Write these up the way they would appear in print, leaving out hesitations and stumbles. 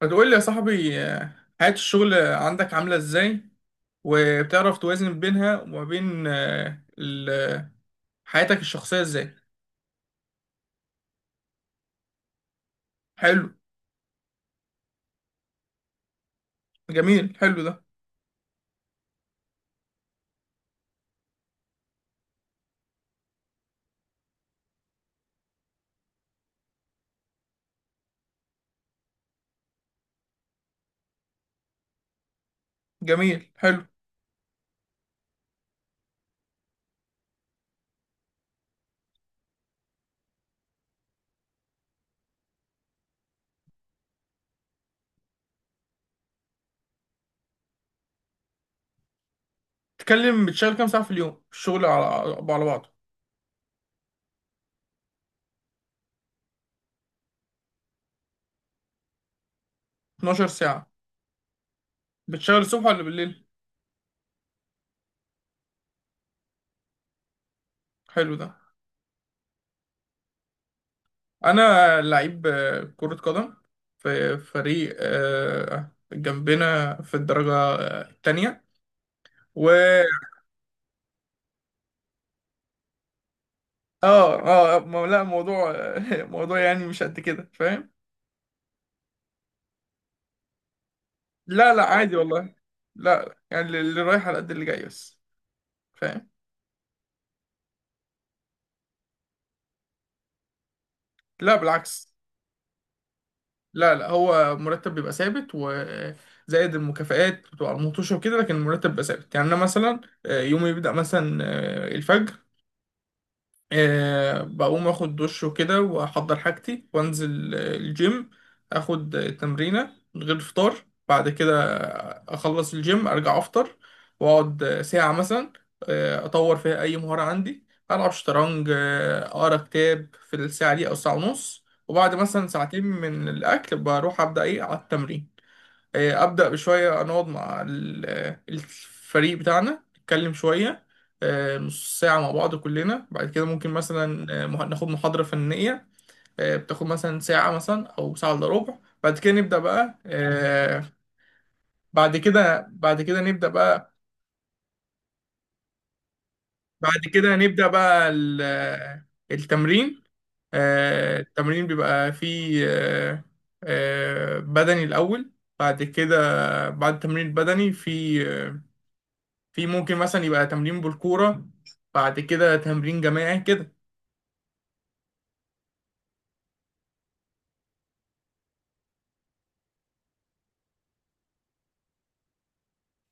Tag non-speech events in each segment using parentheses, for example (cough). فتقول لي يا صاحبي، حياة الشغل عندك عاملة ازاي؟ وبتعرف توازن بينها وما بين حياتك الشخصية ازاي؟ حلو. جميل، حلو ده. جميل، حلو. تتكلم، بتشتغل كام ساعة في اليوم الشغل على بعضه؟ 12 ساعة. بتشتغل الصبح ولا بالليل؟ حلو ده. أنا لعيب كرة قدم، في فريق جنبنا في الدرجة التانية. و اه. اه، لا، موضوع (laughs) موضوع يعني مش قد كده، فاهم. لا لا، عادي والله. لا، يعني اللي رايح على قد اللي جاي بس، فاهم. لا، بالعكس. لا لا، هو مرتب بيبقى ثابت، وزائد المكافآت بتبقى على المطوشة وكده، لكن المرتب بيبقى ثابت. يعني أنا مثلا يومي بيبدأ مثلا الفجر. أه، بقوم اخد دش وكده واحضر حاجتي وانزل الجيم، اخد تمرينة من غير فطار. بعد كده اخلص الجيم ارجع افطر، واقعد ساعة مثلا اطور فيها اي مهارة عندي، العب شطرنج اقرا كتاب في الساعة دي او ساعة ونص. وبعد مثلا ساعتين من الاكل بروح ابدا ايه على التمرين. ابدا بشويه، نقعد مع الفريق بتاعنا نتكلم شويه نص ساعه مع بعض كلنا. بعد كده ممكن مثلا ناخد محاضره فنيه، بتاخد مثلا ساعه مثلا او ساعه الا ربع. بعد كده نبدا بقى. بعد كده نبدا بقى. بعد كده نبدا بقى التمرين. التمرين بيبقى فيه بدني الاول. بعد كده بعد التمرين البدني، في، في ممكن مثلا يبقى تمرين بالكورة. بعد كده تمرين جماعي كده.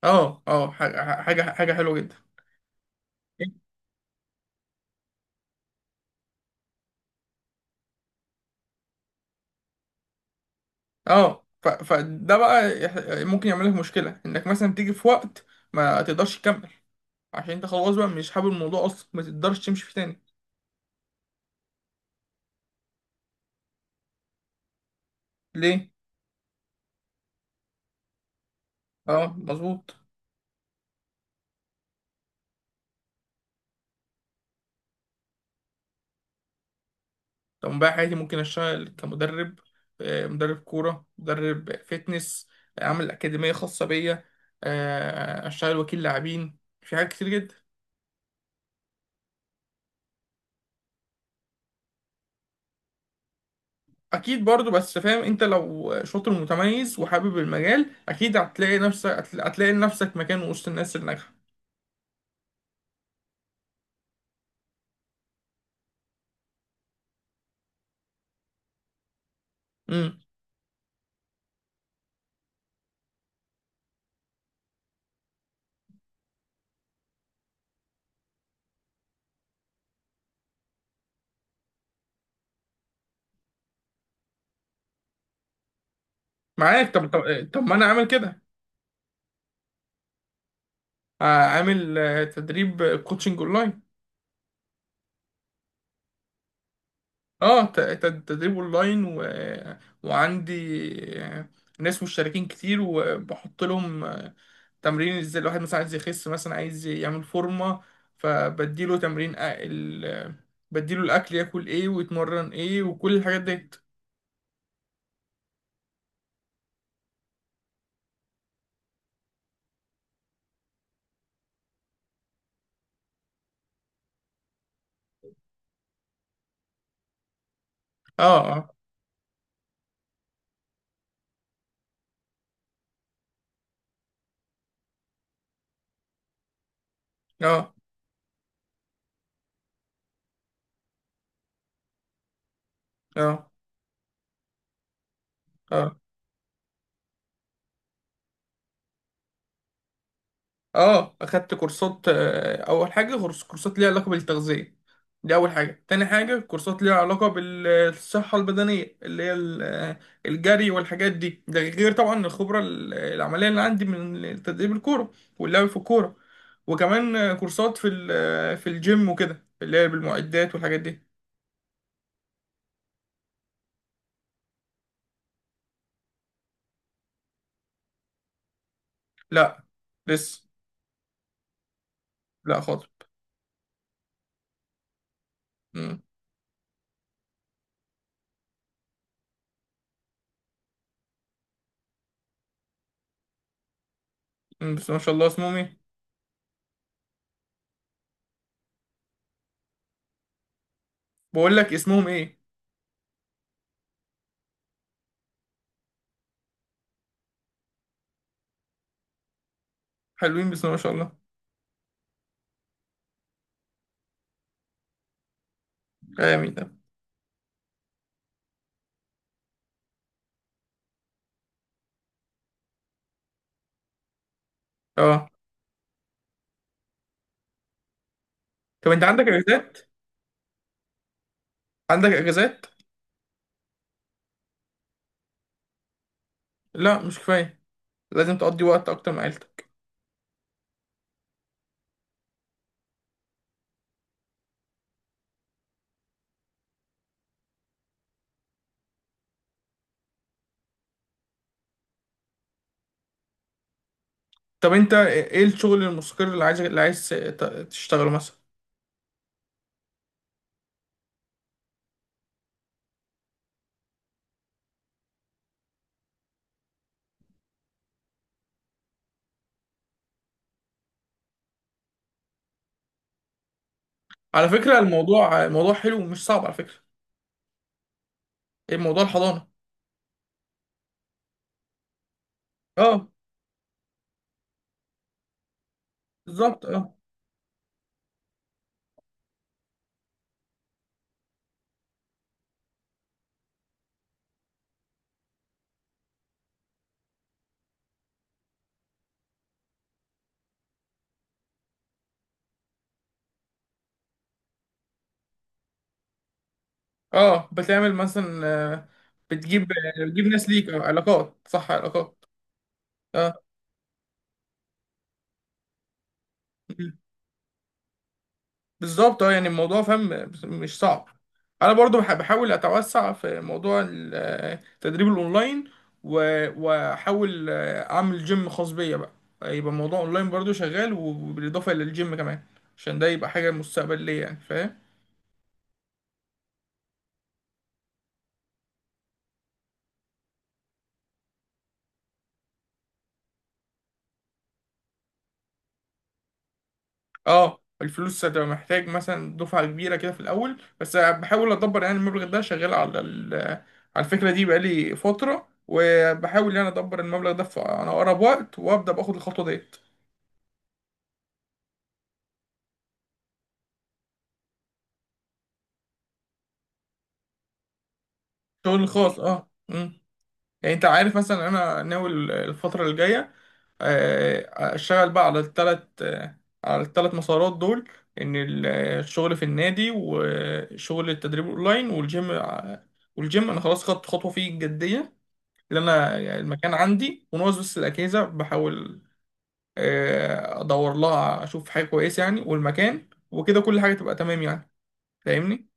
اه اه، حاجة حلوة جدا. اه، فده بقى، ممكن يعمل لك مشكلة انك مثلا تيجي في وقت ما تقدرش تكمل، عشان انت خلاص بقى مش حابب الموضوع اصلا، ما تقدرش تمشي فيه تاني. ليه؟ اه مظبوط. طب بقى حياتي ممكن اشتغل كمدرب، مدرب كورة، مدرب فتنس، اعمل اكاديمية خاصة بيا، اشتغل وكيل لاعبين، في حاجات كتير جدا. اكيد برضو، بس فاهم انت، لو شاطر متميز وحابب المجال اكيد هتلاقي نفسك، هتلاقي لنفسك مكان وسط الناس الناجحه. امم. معاك. طب ما انا عامل كده. عامل تدريب كوتشنج اونلاين. اه، تدريب اونلاين وعندي آه، ناس مشتركين كتير، وبحط لهم تمرين ازاي الواحد مثلا عايز يخس، مثلا عايز يعمل فورمه. فبديله تمرين أ- ال... آه، بديله الاكل ياكل ايه ويتمرن ايه وكل الحاجات ديت. اه. آه. اه اه اه اه، اخدت كورسات. اول حاجه كورسات ليها علاقه بالتغذيه، دي اول حاجه. تاني حاجه كورسات ليها علاقه بالصحه البدنيه، اللي هي الجري والحاجات دي. ده غير طبعا الخبره العمليه اللي عندي من تدريب الكوره، واللعب في الكوره. وكمان كورسات في في الجيم وكده اللي هي بالمعدات والحاجات دي. لا. لسه. لا خالص. مم. مم، بس ما شاء الله اسمهم ايه؟ بقول لك اسمهم ايه. حلوين بس ما شاء الله. امين. اه. طب انت عندك اجازات؟ عندك اجازات؟ لا، مش كفايه. لازم تقضي وقت اكتر مع عيلتك. طب انت ايه الشغل المستقر اللي عايز تشتغله مثلا؟ على فكره الموضوع موضوع حلو ومش صعب، على فكره. ايه موضوع الحضانه؟ اه. بالظبط اه. اه، بتعمل مثلا، بتجيب، بتجيب ناس ليك علاقات. صح، علاقات. اه بالظبط اه. يعني الموضوع فاهم، مش صعب. انا برضو بحاول اتوسع في موضوع التدريب الاونلاين، واحاول اعمل جيم خاص بيا بقى. يبقى الموضوع اونلاين برضو شغال، وبالاضافه للجيم كمان عشان ده يبقى حاجه مستقبليه، يعني فاهم. اه، الفلوس هتبقى محتاج مثلا دفعه كبيره كده في الاول، بس بحاول ادبر يعني المبلغ ده. شغال على على الفكره دي بقالي فتره، وبحاول يعني ادبر المبلغ ده في انا اقرب وقت، وابدا باخد الخطوه ديت. شغل خاص اه. مم. يعني انت عارف مثلا انا ناوي الفترة اللي جاية اشتغل بقى على التلات، على التلات مسارات دول. ان الشغل في النادي، وشغل التدريب اونلاين، والجيم. والجيم انا خلاص خدت خطوة فيه جدية، اللي انا يعني المكان عندي وناقص بس الاجهزة. بحاول ادور لها اشوف حاجة كويسة يعني، والمكان وكده كل حاجة تبقى تمام، يعني فاهمني؟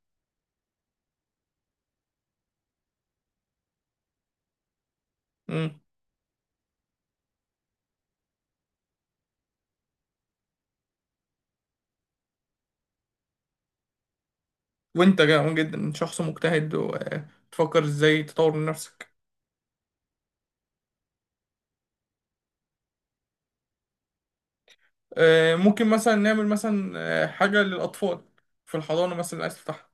وانت جامد جدا، شخص مجتهد وتفكر ازاي تطور من نفسك. ممكن مثلا نعمل مثلا حاجة للأطفال في الحضانة مثلا اللي عايز تفتحها.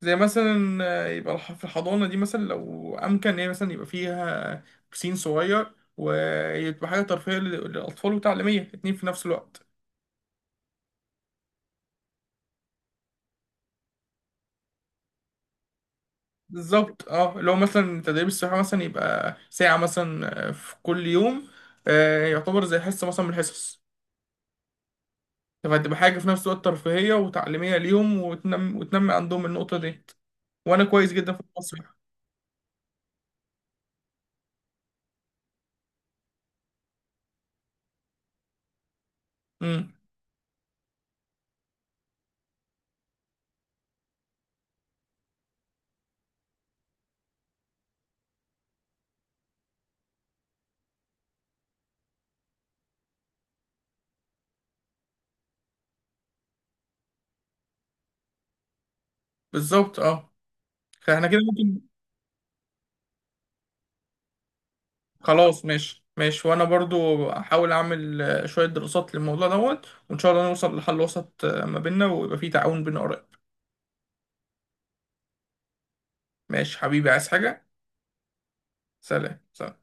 زي مثلا يبقى في الحضانة دي مثلا، لو أمكن إن هي مثلا يبقى فيها بسين صغير، ويبقى حاجة ترفيهية للأطفال وتعليمية اتنين في نفس الوقت. بالظبط اه. لو مثلا تدريب السباحة مثلا يبقى ساعة مثلا في كل يوم، يعتبر زي حصة مثلا من الحصص. فهتبقى حاجة في نفس الوقت ترفيهية وتعليمية ليهم، وتنمي عندهم النقطة دي. وأنا كويس جدا في التصوير. امم. بالظبط اه. فاحنا كده ممكن. خلاص، ماشي ماشي. وأنا برضو أحاول أعمل شوية دراسات للموضوع دوت، وإن شاء الله نوصل لحل وسط ما بيننا، ويبقى فيه تعاون بين آراء. ماشي حبيبي. عايز حاجة؟ سلام سلام.